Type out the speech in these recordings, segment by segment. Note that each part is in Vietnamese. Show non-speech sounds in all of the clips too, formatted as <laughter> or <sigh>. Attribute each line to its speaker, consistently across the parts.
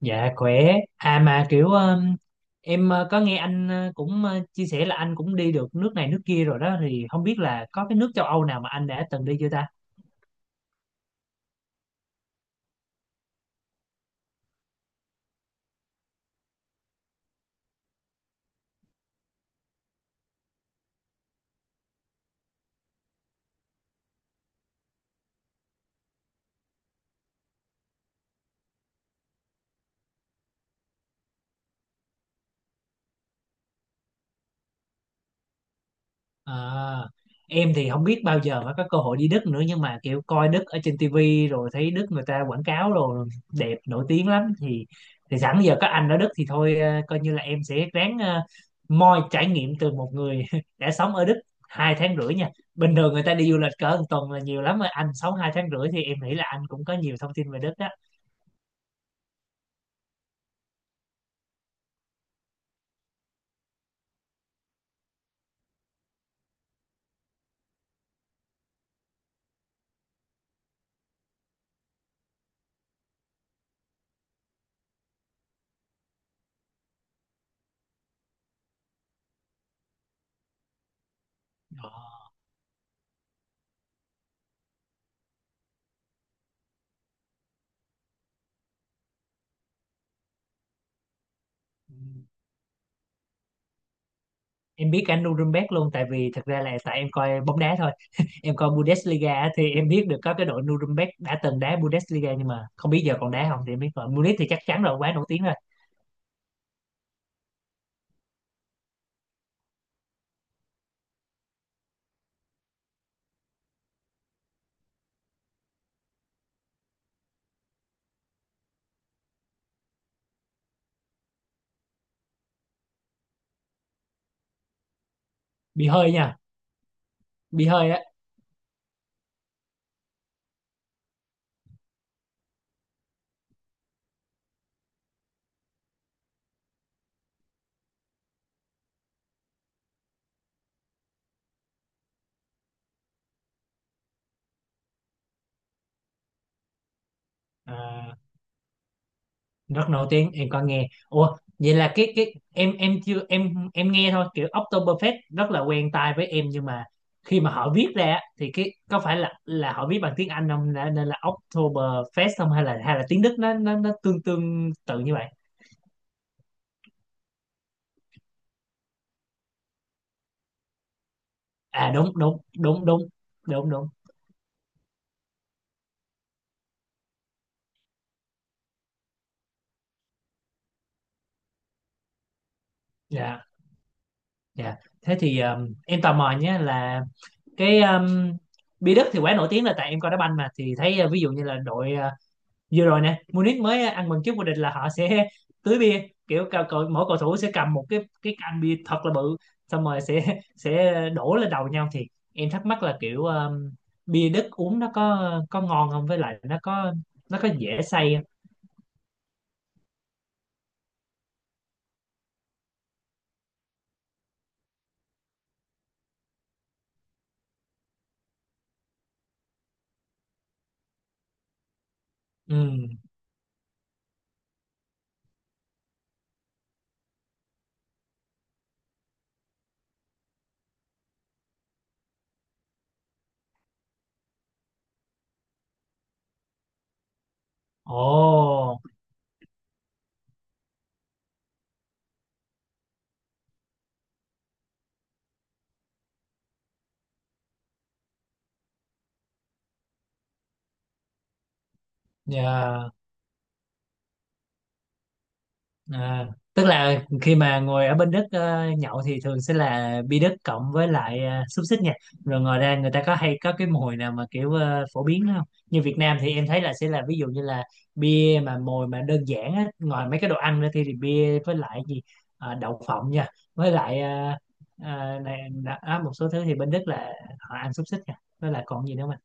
Speaker 1: Dạ khỏe. À mà kiểu em có nghe anh cũng chia sẻ là anh cũng đi được nước này nước kia rồi đó, thì không biết là có cái nước châu Âu nào mà anh đã từng đi chưa ta? À, em thì không biết bao giờ mới có cơ hội đi Đức nữa, nhưng mà kiểu coi Đức ở trên tivi rồi thấy Đức người ta quảng cáo rồi đẹp nổi tiếng lắm thì sẵn giờ có anh ở Đức thì thôi, coi như là em sẽ ráng moi trải nghiệm từ một người <laughs> đã sống ở Đức 2 tháng rưỡi nha. Bình thường người ta đi du lịch cỡ một tuần là nhiều lắm rồi, anh sống 2 tháng rưỡi thì em nghĩ là anh cũng có nhiều thông tin về Đức đó. Ờ. Em biết anh, Nuremberg luôn, tại vì thực ra là tại em coi bóng đá thôi. <laughs> Em coi Bundesliga á, thì em biết được có cái đội Nuremberg đã từng đá Bundesliga, nhưng mà không biết giờ còn đá không. Thì em biết rồi, Munich thì chắc chắn rồi, quá nổi tiếng rồi. Bị hơi nha, bị hơi á. Ờ, rất nổi tiếng em có nghe. Ủa vậy là cái em chưa em nghe thôi, kiểu Oktoberfest rất là quen tai với em, nhưng mà khi mà họ viết ra á, thì cái có phải là họ viết bằng tiếng Anh không, nên là Oktoberfest không, hay là tiếng Đức nó tương tương tự như vậy? À, đúng đúng đúng đúng. Đúng đúng. Dạ. Dạ. Thế thì em tò mò nhé là cái Bi Đức thì quá nổi tiếng, là tại em coi đá banh mà thì thấy, ví dụ như là đội vừa rồi nè, Munich mới ăn mừng trước vô địch là họ sẽ tưới bia, kiểu cầu, cầu, mỗi cầu thủ sẽ cầm một cái can bia thật là bự, xong rồi sẽ đổ lên đầu nhau. Thì em thắc mắc là kiểu bia Đức uống nó có ngon không, với lại nó có dễ say không? Ừ. Ồ. Dạ. À, tức là khi mà ngồi ở bên Đức nhậu thì thường sẽ là bia Đức cộng với lại xúc xích nha. Rồi ngoài ra người ta có hay có cái mồi nào mà kiểu phổ biến đó không? Như Việt Nam thì em thấy là sẽ là ví dụ như là bia mà mồi mà đơn giản á, ngoài mấy cái đồ ăn ra thì bia với lại gì. Ờ, đậu phộng nha, với lại này, đã, á, một số thứ thì bên Đức là họ ăn xúc xích nha, với lại còn gì nữa mà.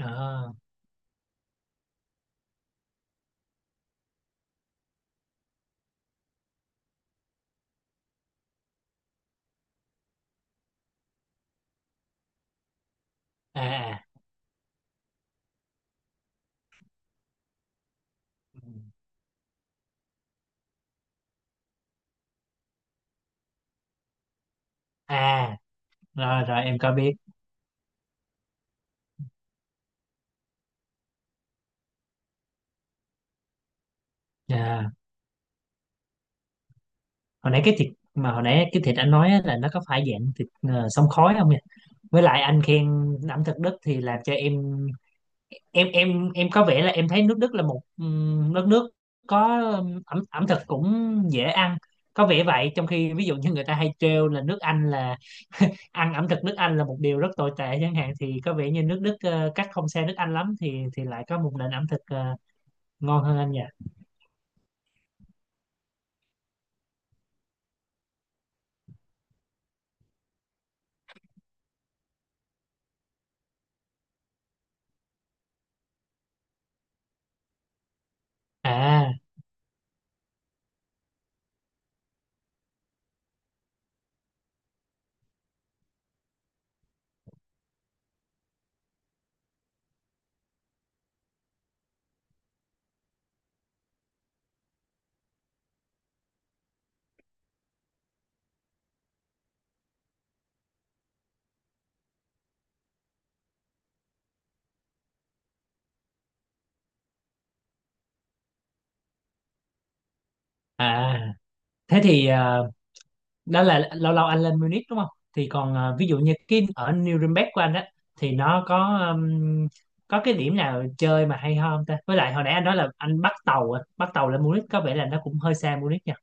Speaker 1: Ờ. À à. Ừ. À, rồi rồi em có biết. À. hồi nãy cái thịt hồi nãy cái thịt anh nói á, là nó có phải dạng thịt xông khói không nhỉ? Với lại anh khen ẩm thực Đức thì làm cho em có vẻ là em thấy nước Đức là một đất nước có ẩm ẩm thực cũng dễ ăn, có vẻ vậy. Trong khi ví dụ như người ta hay trêu là nước Anh là, ăn ẩm thực nước Anh là một điều rất tồi tệ chẳng hạn, thì có vẻ như nước Đức cách không xa nước Anh lắm, thì lại có một nền ẩm thực ngon hơn anh nhỉ? À. À. Thế thì đó là lâu lâu anh lên Munich đúng không? Thì còn ví dụ như cái ở Nuremberg của anh á, thì nó có cái điểm nào chơi mà hay ho không ta? Với lại hồi nãy anh nói là anh bắt tàu á, bắt tàu lên Munich, có vẻ là nó cũng hơi xa Munich nha.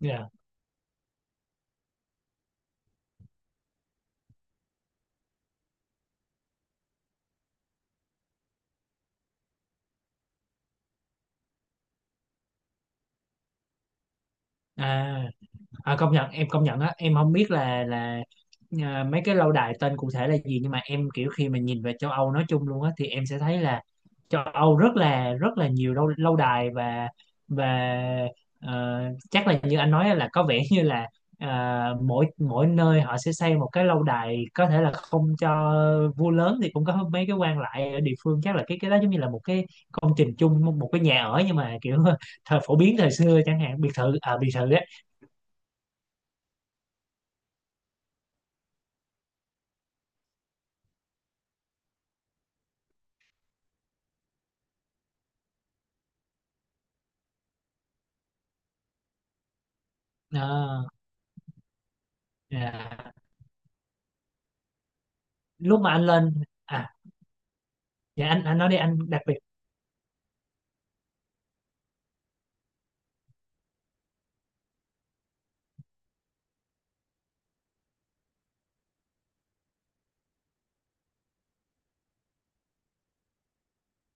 Speaker 1: Yeah. À. À, công nhận, em công nhận á, em không biết là à, mấy cái lâu đài tên cụ thể là gì, nhưng mà em kiểu khi mà nhìn về châu Âu nói chung luôn á, thì em sẽ thấy là châu Âu rất là nhiều lâu lâu đài, và ờ, chắc là như anh nói á, là có vẻ như là, à, mỗi mỗi nơi họ sẽ xây một cái lâu đài, có thể là không cho vua lớn thì cũng có mấy cái quan lại ở địa phương. Chắc là cái đó giống như là một cái công trình chung, một cái nhà ở, nhưng mà kiểu <laughs> thời phổ biến thời xưa chẳng hạn, biệt thự à, biệt thự á. Ờ. À, lúc mà anh lên. À. Dạ anh nói đi, anh đặc biệt.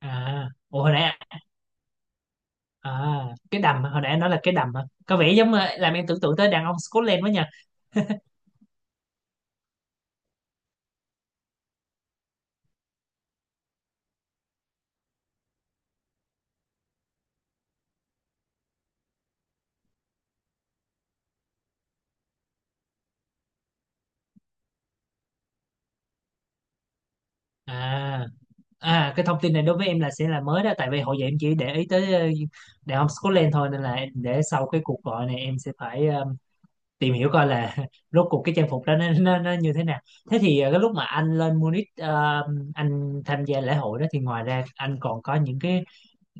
Speaker 1: À, ủa hồi nãy. À, cái đầm hồi nãy anh nói là cái đầm hả? Có vẻ giống làm em tưởng tượng tới đàn ông Scotland quá nha. À. À, cái thông tin này đối với em là sẽ là mới đó, tại vì hồi giờ em chỉ để ý tới đàn ông Scotland thôi, nên là em, để sau cái cuộc gọi này em sẽ phải tìm hiểu coi là <laughs> rốt cuộc cái trang phục đó nó như thế nào. Thế thì cái lúc mà anh lên Munich anh tham gia lễ hội đó, thì ngoài ra anh còn có những cái,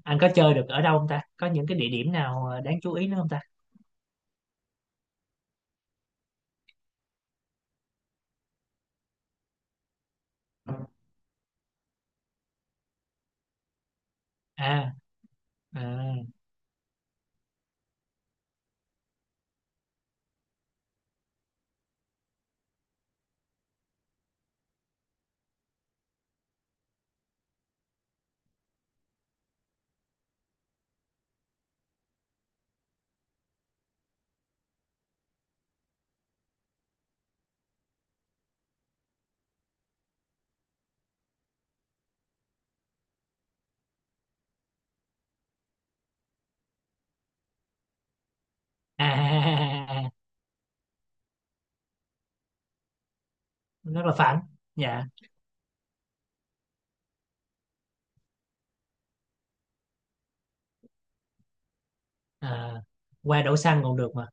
Speaker 1: anh có chơi được ở đâu không ta, có những cái địa điểm nào đáng chú ý nữa không ta? À. À. À. À. À. À. À. À. Rất là phản. Dạ. À, qua đổ xăng còn được mà.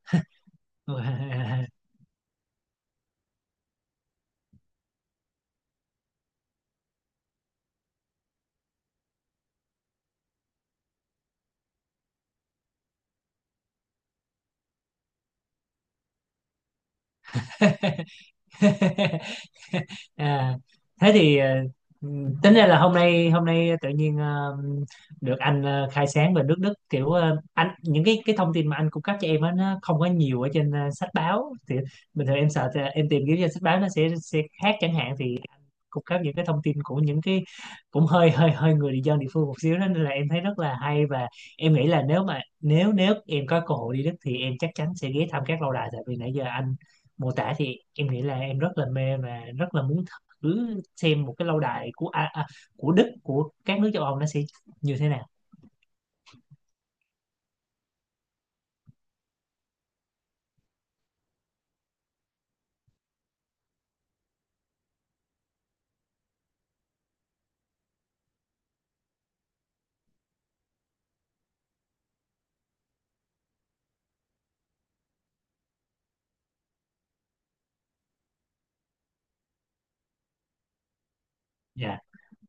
Speaker 1: <laughs> <laughs> À, thế thì tính ra là hôm nay tự nhiên được anh khai sáng về nước Đức, kiểu anh, những cái thông tin mà anh cung cấp cho em á nó không có nhiều ở trên sách báo. Thì bình thường em sợ thì em tìm kiếm trên sách báo nó sẽ khác chẳng hạn, thì anh cung cấp những cái thông tin của những cái cũng hơi hơi hơi người dân địa phương một xíu đó, nên là em thấy rất là hay. Và em nghĩ là nếu mà nếu nếu em có cơ hội đi Đức, thì em chắc chắn sẽ ghé thăm các lâu đài, tại vì nãy giờ anh mô tả thì em nghĩ là em rất là mê và rất là muốn thử xem một cái lâu đài của của Đức, của các nước châu Âu nó sẽ như thế nào. Dạ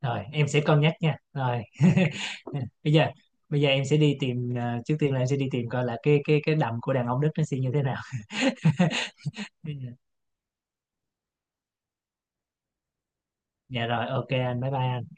Speaker 1: rồi, em sẽ cân nhắc nha rồi. <laughs> bây giờ bây giờ em sẽ đi tìm, à, trước tiên là em sẽ đi tìm coi là cái đầm của đàn ông Đức nó sẽ như thế nào. <laughs> Dạ rồi, ok anh, bye bye anh.